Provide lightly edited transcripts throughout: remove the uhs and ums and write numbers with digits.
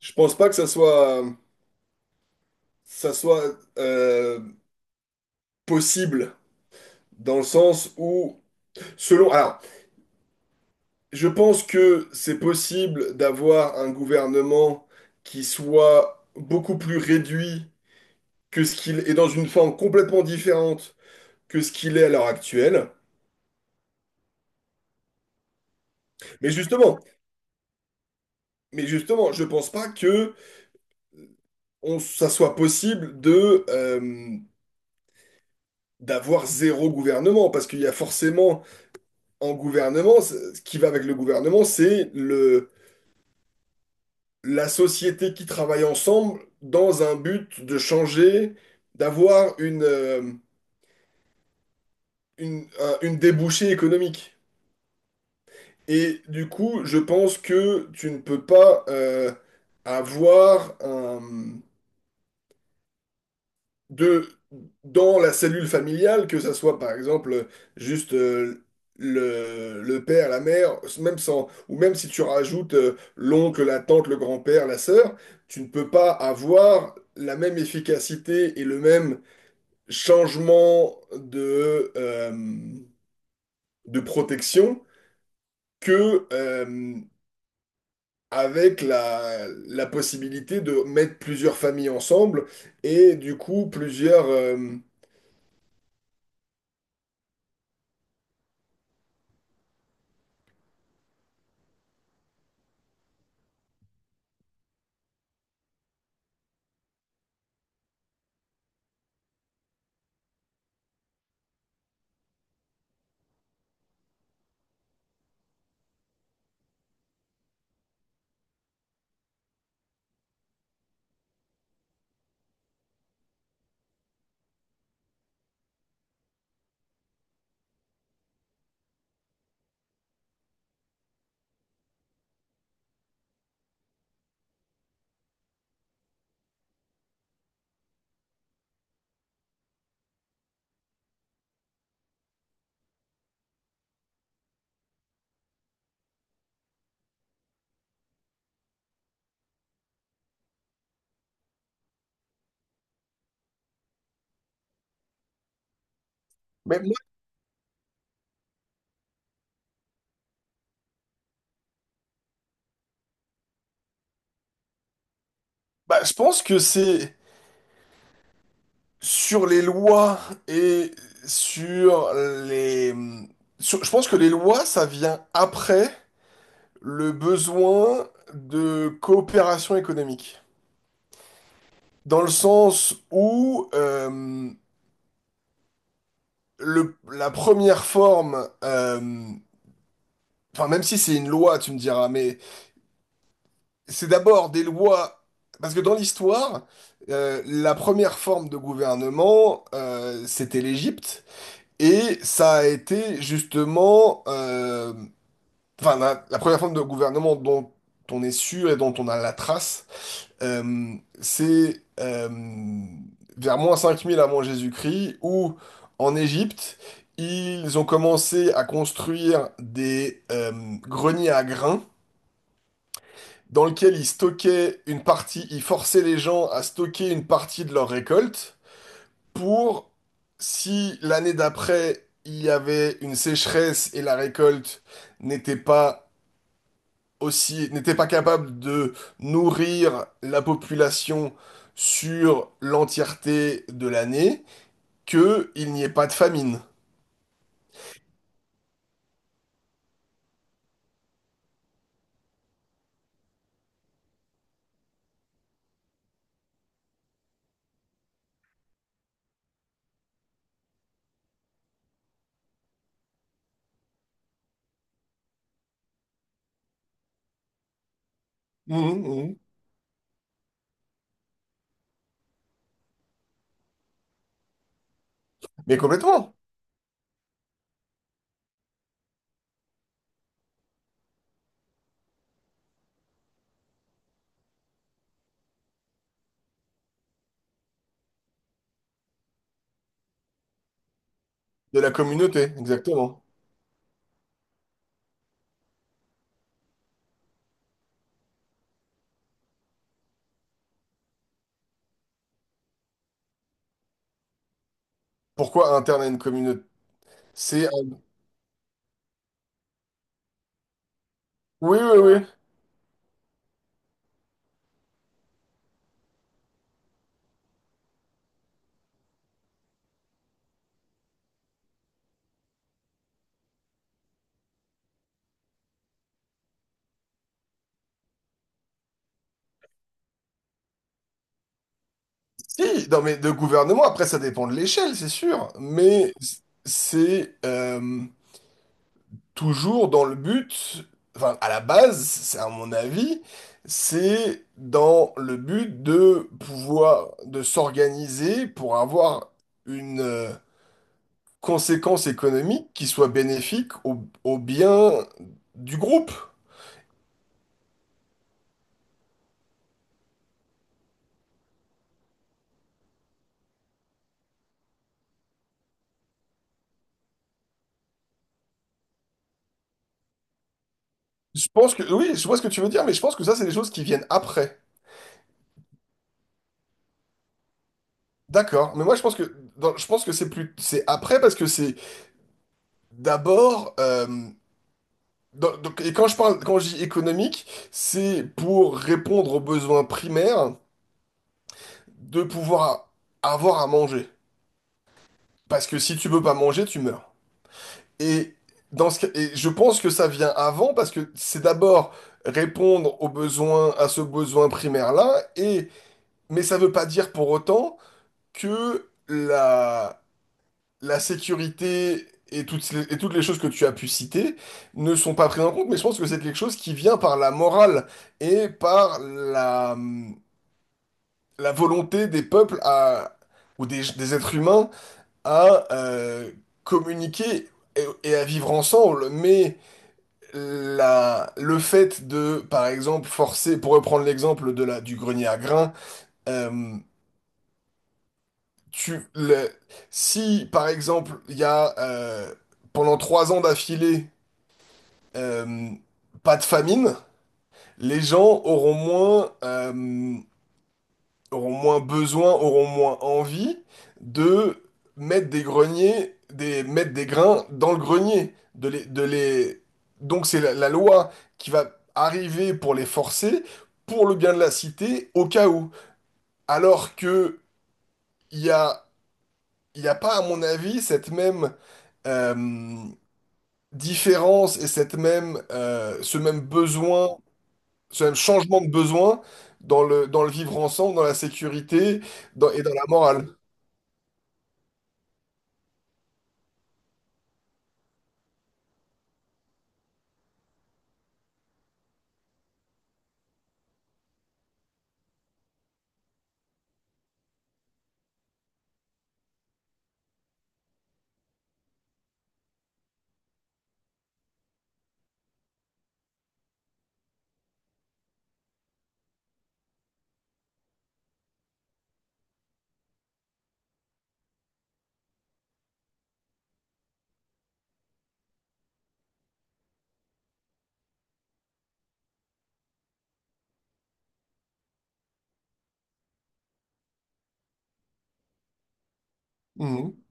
Je pense pas que ça soit possible dans le sens où, selon, alors, je pense que c'est possible d'avoir un gouvernement qui soit beaucoup plus réduit que ce qu'il est dans une forme complètement différente que ce qu'il est à l'heure actuelle. Mais justement, mais justement, je pense pas que ça soit possible de d'avoir zéro gouvernement parce qu'il y a forcément en gouvernement, ce qui va avec le gouvernement, c'est le la société qui travaille ensemble dans un but de changer, d'avoir une, une débouchée économique. Et du coup, je pense que tu ne peux pas avoir un, de, dans la cellule familiale, que ça soit par exemple juste le père, la mère, même sans, ou même si tu rajoutes l'oncle, la tante, le grand-père, la sœur, tu ne peux pas avoir la même efficacité et le même changement de protection que avec la, la possibilité de mettre plusieurs familles ensemble et du coup plusieurs... Mais moi, bah, je pense que c'est sur les lois et sur les... je pense que les lois, ça vient après le besoin de coopération économique. Dans le sens où... le, la première forme, enfin même si c'est une loi, tu me diras, mais c'est d'abord des lois, parce que dans l'histoire, la première forme de gouvernement, c'était l'Égypte, et ça a été justement, enfin la première forme de gouvernement dont on est sûr et dont on a la trace. Euh, c'est vers moins 5000 avant Jésus-Christ, où en Égypte, ils ont commencé à construire des greniers à grains dans lesquels ils stockaient une partie, ils forçaient les gens à stocker une partie de leur récolte pour, si l'année d'après, il y avait une sécheresse et la récolte n'était pas aussi n'était pas capable de nourrir la population sur l'entièreté de l'année, que il n'y ait pas de famine. Mhm, mhm. Mais complètement, de la communauté, exactement. Pourquoi interne à une communauté? C'est un- Oui, oui, oui. Si, non, mais de gouvernement, après, ça dépend de l'échelle, c'est sûr. Mais c'est... toujours dans le but, enfin à la base, c'est à mon avis, c'est dans le but de pouvoir, de s'organiser pour avoir une conséquence économique qui soit bénéfique au, au bien du groupe. Je pense que, oui, je vois ce que tu veux dire, mais je pense que ça, c'est des choses qui viennent après. D'accord, mais moi je pense que dans- je pense que c'est plus c'est après parce que c'est d'abord Dans- Donc, et quand je parle, quand je dis économique, c'est pour répondre aux besoins primaires de pouvoir avoir à manger. Parce que si tu peux pas manger, tu meurs. Et dans ce cas- et je pense que ça vient avant parce que c'est d'abord répondre aux besoins, à ce besoin primaire-là. Et mais ça veut pas dire pour autant que la sécurité et toutes les choses que tu as pu citer ne sont pas prises en compte, mais je pense que c'est quelque chose qui vient par la morale et par la, la volonté des peuples à, ou des êtres humains à communiquer et à vivre ensemble. Mais la, le fait de, par exemple, forcer, pour reprendre l'exemple de la, du grenier à grains, euh, tu, le- si, par exemple, il y a pendant 3 ans d'affilée, euh, pas de famine, les gens auront moins besoin, auront moins envie de mettre des greniers, des, mettre des grains dans le grenier, de les... Donc c'est la, la loi qui va arriver pour les forcer, pour le bien de la cité, au cas où. Alors que il y a, il y a pas, à mon avis, cette même euh, différence et cette même, ce même besoin. C'est un changement de besoin dans le vivre ensemble, dans la sécurité dans- et dans la morale. Mhm.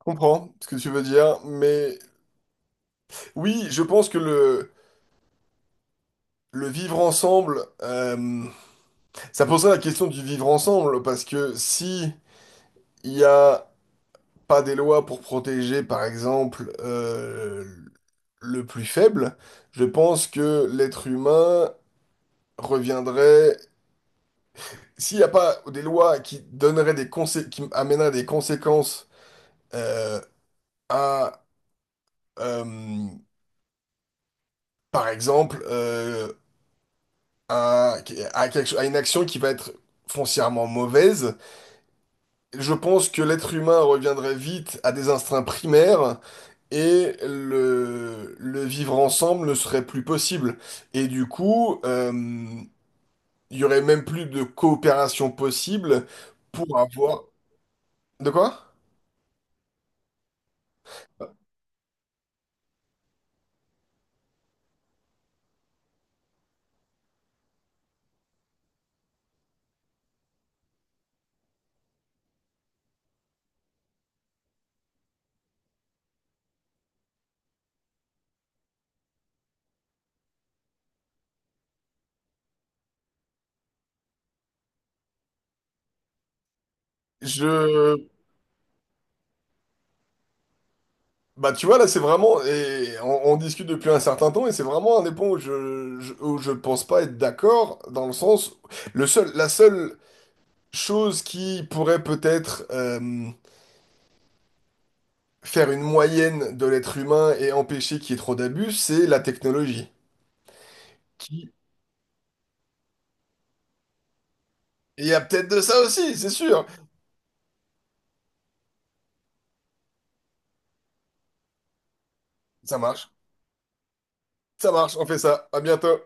Je comprends ce que tu veux dire, mais oui, je pense que le vivre ensemble, ça poserait la question du vivre ensemble, parce que si il n'y a pas des lois pour protéger, par exemple, le plus faible, je pense que l'être humain reviendrait... S'il n'y a pas des lois qui donneraient des consé- qui amèneraient des conséquences euh, à, euh, par exemple, à, à quelque- à une action qui va être foncièrement mauvaise, je pense que l'être humain reviendrait vite à des instincts primaires et le vivre ensemble ne serait plus possible. Et du coup, il y aurait même plus de coopération possible pour avoir... De quoi? Je... Bah tu vois là c'est vraiment et on discute depuis un certain temps et c'est vraiment un des points où je où je pense pas être d'accord dans le sens le seul la seule chose qui pourrait peut-être faire une moyenne de l'être humain et empêcher qu'il y ait trop d'abus c'est la technologie. Qui- Il y a peut-être de ça aussi, c'est sûr. Ça marche. Ça marche, on fait ça. À bientôt.